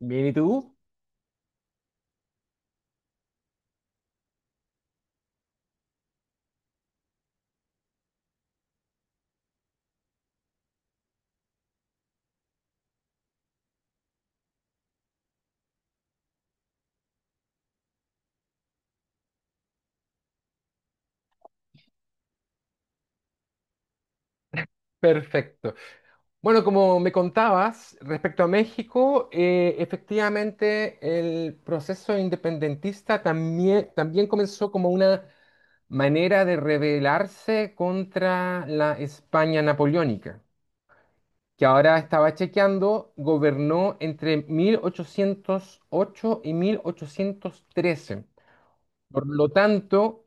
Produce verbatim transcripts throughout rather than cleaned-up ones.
Bien, ¿y tú? Perfecto. Bueno, como me contabas respecto a México, eh, efectivamente el proceso independentista también, también comenzó como una manera de rebelarse contra la España napoleónica, que ahora estaba chequeando, gobernó entre mil ochocientos ocho y mil ochocientos trece. Por lo tanto,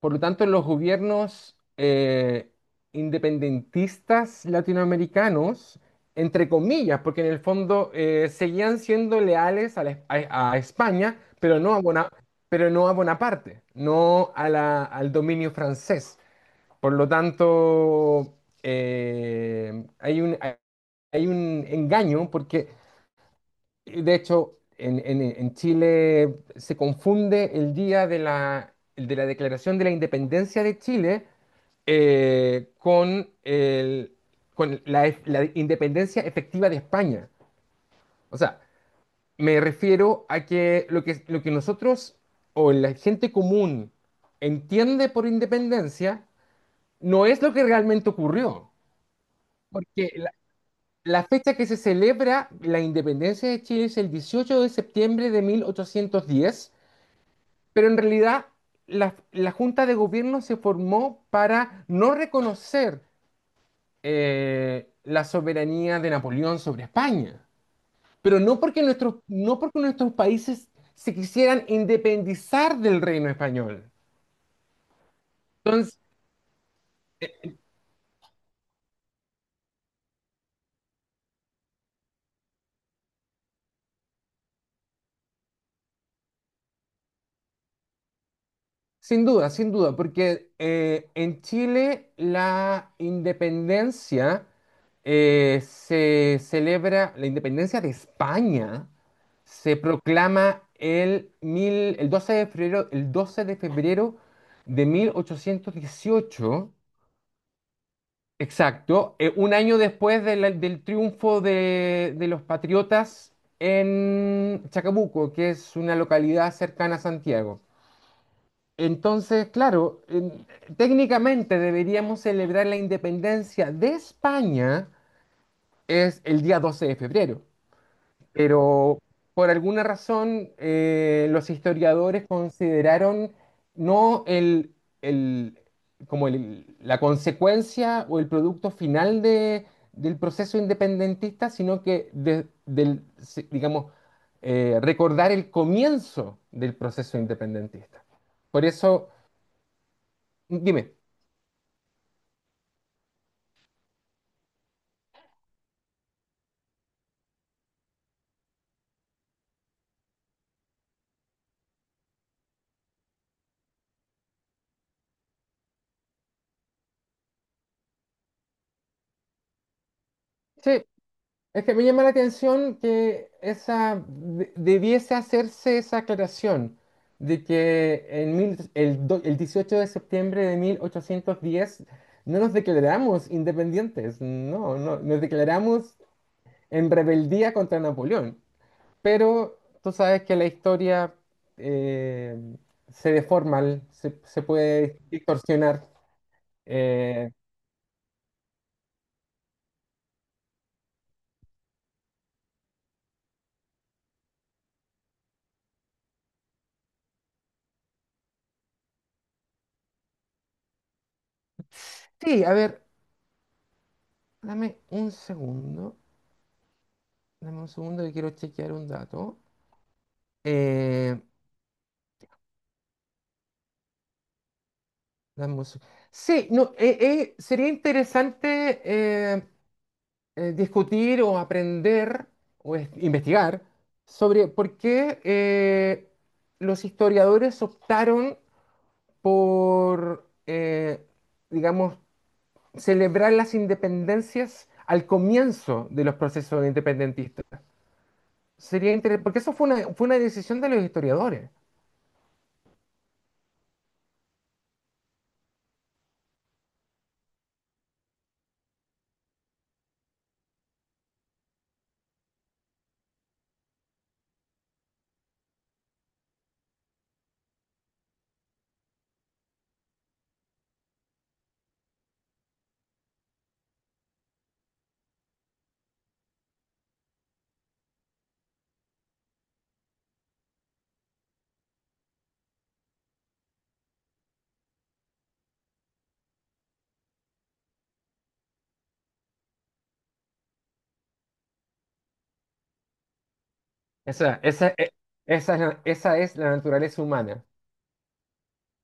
por lo tanto, los gobiernos eh, independentistas latinoamericanos, entre comillas, porque en el fondo eh, seguían siendo leales a, la- a- a España, pero no a, Bona- pero no a Bonaparte, no a la- al dominio francés. Por lo tanto, eh, hay un, hay un engaño porque de hecho, en, en- en Chile se confunde el día de la, el de la declaración de la independencia de Chile eh, con, el- con la, ef- la independencia efectiva de España. O sea, me refiero a que lo que, lo que nosotros o la gente común entiende por independencia no es lo que realmente ocurrió. Porque la fecha que se celebra la independencia de Chile es el dieciocho de septiembre de mil ochocientos diez, pero en realidad la, la Junta de Gobierno se formó para no reconocer eh, la soberanía de Napoleón sobre España, pero no porque, nuestros no porque nuestros países se quisieran independizar del reino español. Entonces, sin duda, sin duda, porque eh, en Chile la independencia eh, se celebra, la independencia de España se proclama el, mil, el doce de febrero, el doce de febrero de mil ochocientos dieciocho, exacto, eh, un año después de la- del triunfo de, de los patriotas en Chacabuco, que es una localidad cercana a Santiago. Entonces, claro, en- técnicamente deberíamos celebrar la independencia de España es el día doce de febrero, pero por alguna razón eh, los historiadores consideraron no el, el- como el- la consecuencia o el producto final de- del proceso independentista, sino que de- del, se- digamos, eh, recordar el comienzo del proceso independentista. Por eso, dime. Sí, es que me llama la atención que esa de- debiese hacerse esa aclaración de que en mil- el, do- el dieciocho de septiembre de mil ochocientos diez no nos declaramos independientes, no, no, nos declaramos en rebeldía contra Napoleón. Pero tú sabes que la historia eh, se deforma, l- se, se puede distorsionar. eh. Sí, a ver, dame un segundo. Dame un segundo que quiero chequear un dato. Eh, dame un se- Sí, no, eh, eh, sería interesante eh, eh, discutir o aprender o es- investigar sobre por qué eh, los historiadores optaron por, eh, digamos, celebrar las independencias al comienzo de los procesos independentistas. Sería interesante, porque eso fue una, fue una decisión de los historiadores. Esa, esa, e- esa, es la- esa es la naturaleza humana,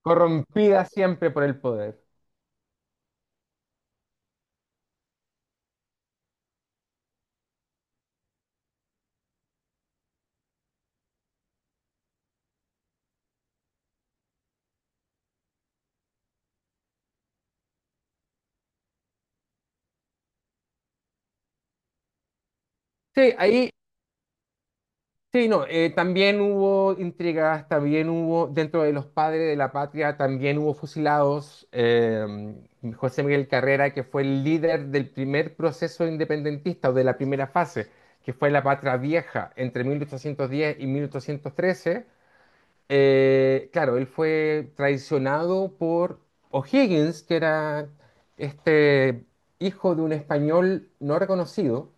corrompida siempre por el poder. Sí, ahí, sí, no, eh, también hubo intrigas, también hubo, dentro de los padres de la patria, también hubo fusilados. eh, José Miguel Carrera, que fue el líder del primer proceso independentista o de la primera fase, que fue la Patria Vieja entre mil ochocientos diez y mil ochocientos trece. Eh, claro, él fue traicionado por O'Higgins, que era este hijo de un español no reconocido,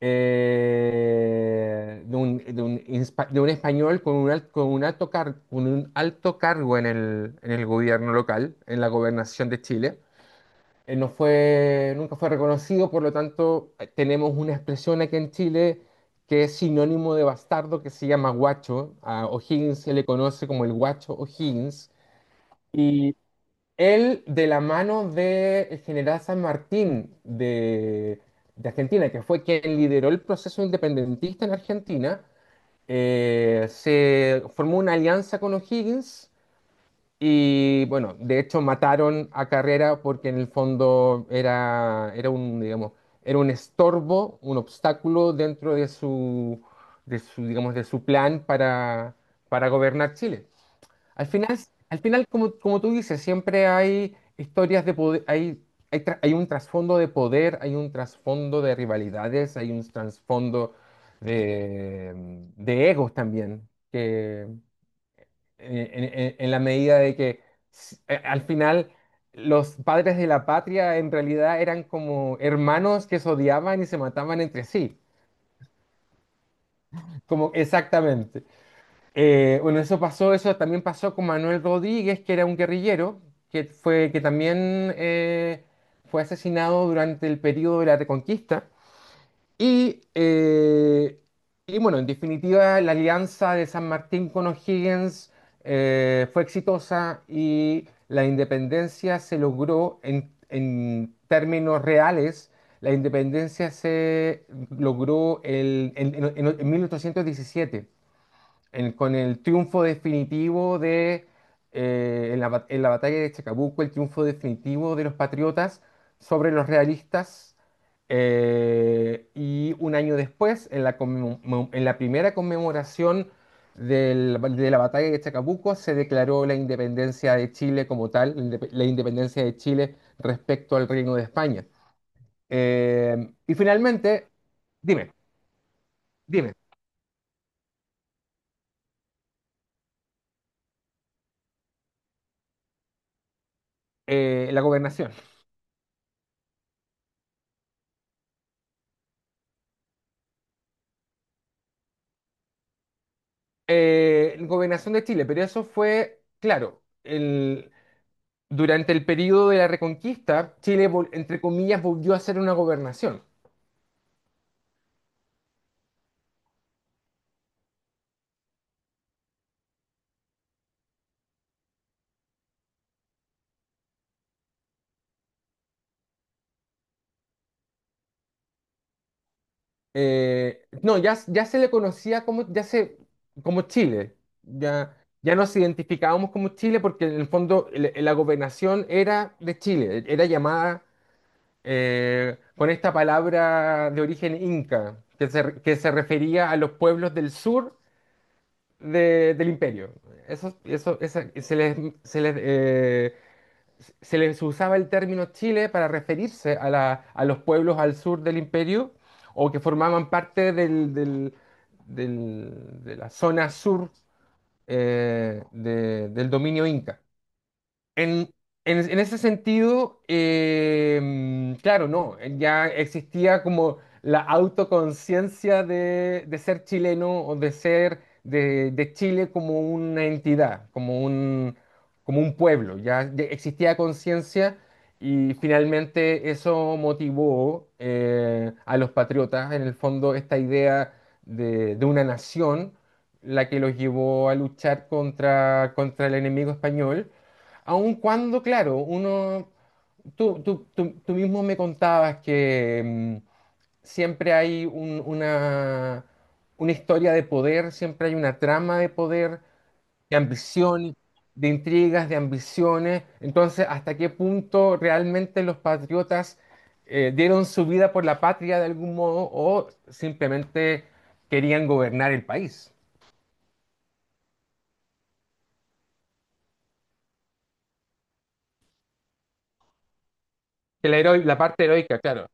eh, de un, de un inspa- de un español con un, al- con un alto car- con un alto cargo en el, en el gobierno local, en la gobernación de Chile. eh, no fue, nunca fue reconocido, por lo tanto, eh, tenemos una expresión aquí en Chile que es sinónimo de bastardo que se llama guacho. A O'Higgins se le conoce como el guacho O'Higgins. Y él, de la mano del general San Martín de, de Argentina, que fue quien lideró el proceso independentista en Argentina, eh, se formó una alianza con O'Higgins y bueno, de hecho mataron a Carrera porque en el fondo era, era un, digamos, era un estorbo, un obstáculo dentro de su, de su, digamos, de su plan para, para gobernar Chile. Al final, al final como, como tú dices, siempre hay historias de poder, hay, hay, tra- hay un trasfondo de poder, hay un trasfondo de rivalidades, hay un trasfondo de, de egos también, eh, en, en- en la medida de que s- eh, al final los padres de la patria en realidad eran como hermanos que se odiaban y se mataban entre sí, como exactamente. Eh, bueno, eso pasó, eso también pasó con Manuel Rodríguez, que era un guerrillero, que fue, que también eh, fue asesinado durante el periodo de la Reconquista. Y, eh, y bueno, en definitiva, la alianza de San Martín con O'Higgins eh, fue exitosa y la independencia se logró en, en términos reales. La independencia se logró el- en, en- en mil ochocientos diecisiete en- con el triunfo definitivo de, eh, en la, ba- en la batalla de Chacabuco, el triunfo definitivo de los patriotas sobre los realistas. Eh, y un año después, en la, conmemo- en la primera conmemoración del- de la batalla de Chacabuco, se declaró la independencia de Chile como tal, la indepe- la independencia de Chile respecto al Reino de España. Eh, y finalmente, dime, dime, eh, la gobernación. Eh, gobernación de Chile, pero eso fue, claro, el, durante el periodo de la Reconquista, Chile, vol- entre comillas, volvió a ser una gobernación. Eh, no, ya, ya se le conocía como, ya se, como Chile, ya, ya nos identificábamos como Chile porque en el fondo el- la gobernación era de Chile, era llamada eh, con esta palabra de origen inca, que se, que se refería a los pueblos del sur de- del imperio. Eso, eso, esa- se les, se les, eh, se les usaba el término Chile para referirse a, la- a los pueblos al sur del imperio o que formaban parte del, del- del- de la zona sur eh, de- del dominio inca. En, en, en ese sentido, eh, claro, no, ya existía como la autoconciencia de, de ser chileno o de ser de, de Chile como una entidad, como un, como un pueblo, ya de- existía conciencia y finalmente eso motivó eh, a los patriotas, en el fondo, esta idea de, de una nación, la que los llevó a luchar contra, contra el enemigo español. Aun cuando, claro, uno, tú, tú- tú- tú mismo me contabas que mm, siempre hay un- una, una historia de poder, siempre hay una trama de poder, de ambición, de intrigas, de ambiciones. Entonces, ¿hasta qué punto realmente los patriotas eh, dieron su vida por la patria de algún modo o simplemente querían gobernar el país? Que La, heroi- la parte heroica, claro.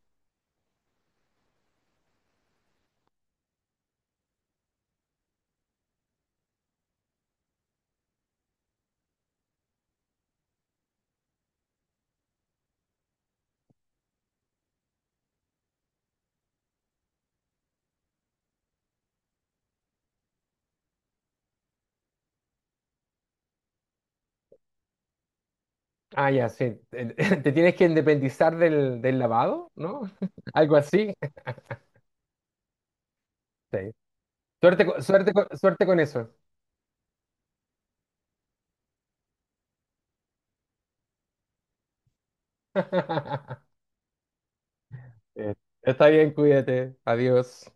Ah, ya, sí. Te te tienes que independizar del, del lavado, ¿no? Algo así. Sí. Suerte, co- suerte, co- suerte con eso. Eh, Está bien, cuídate. Adiós.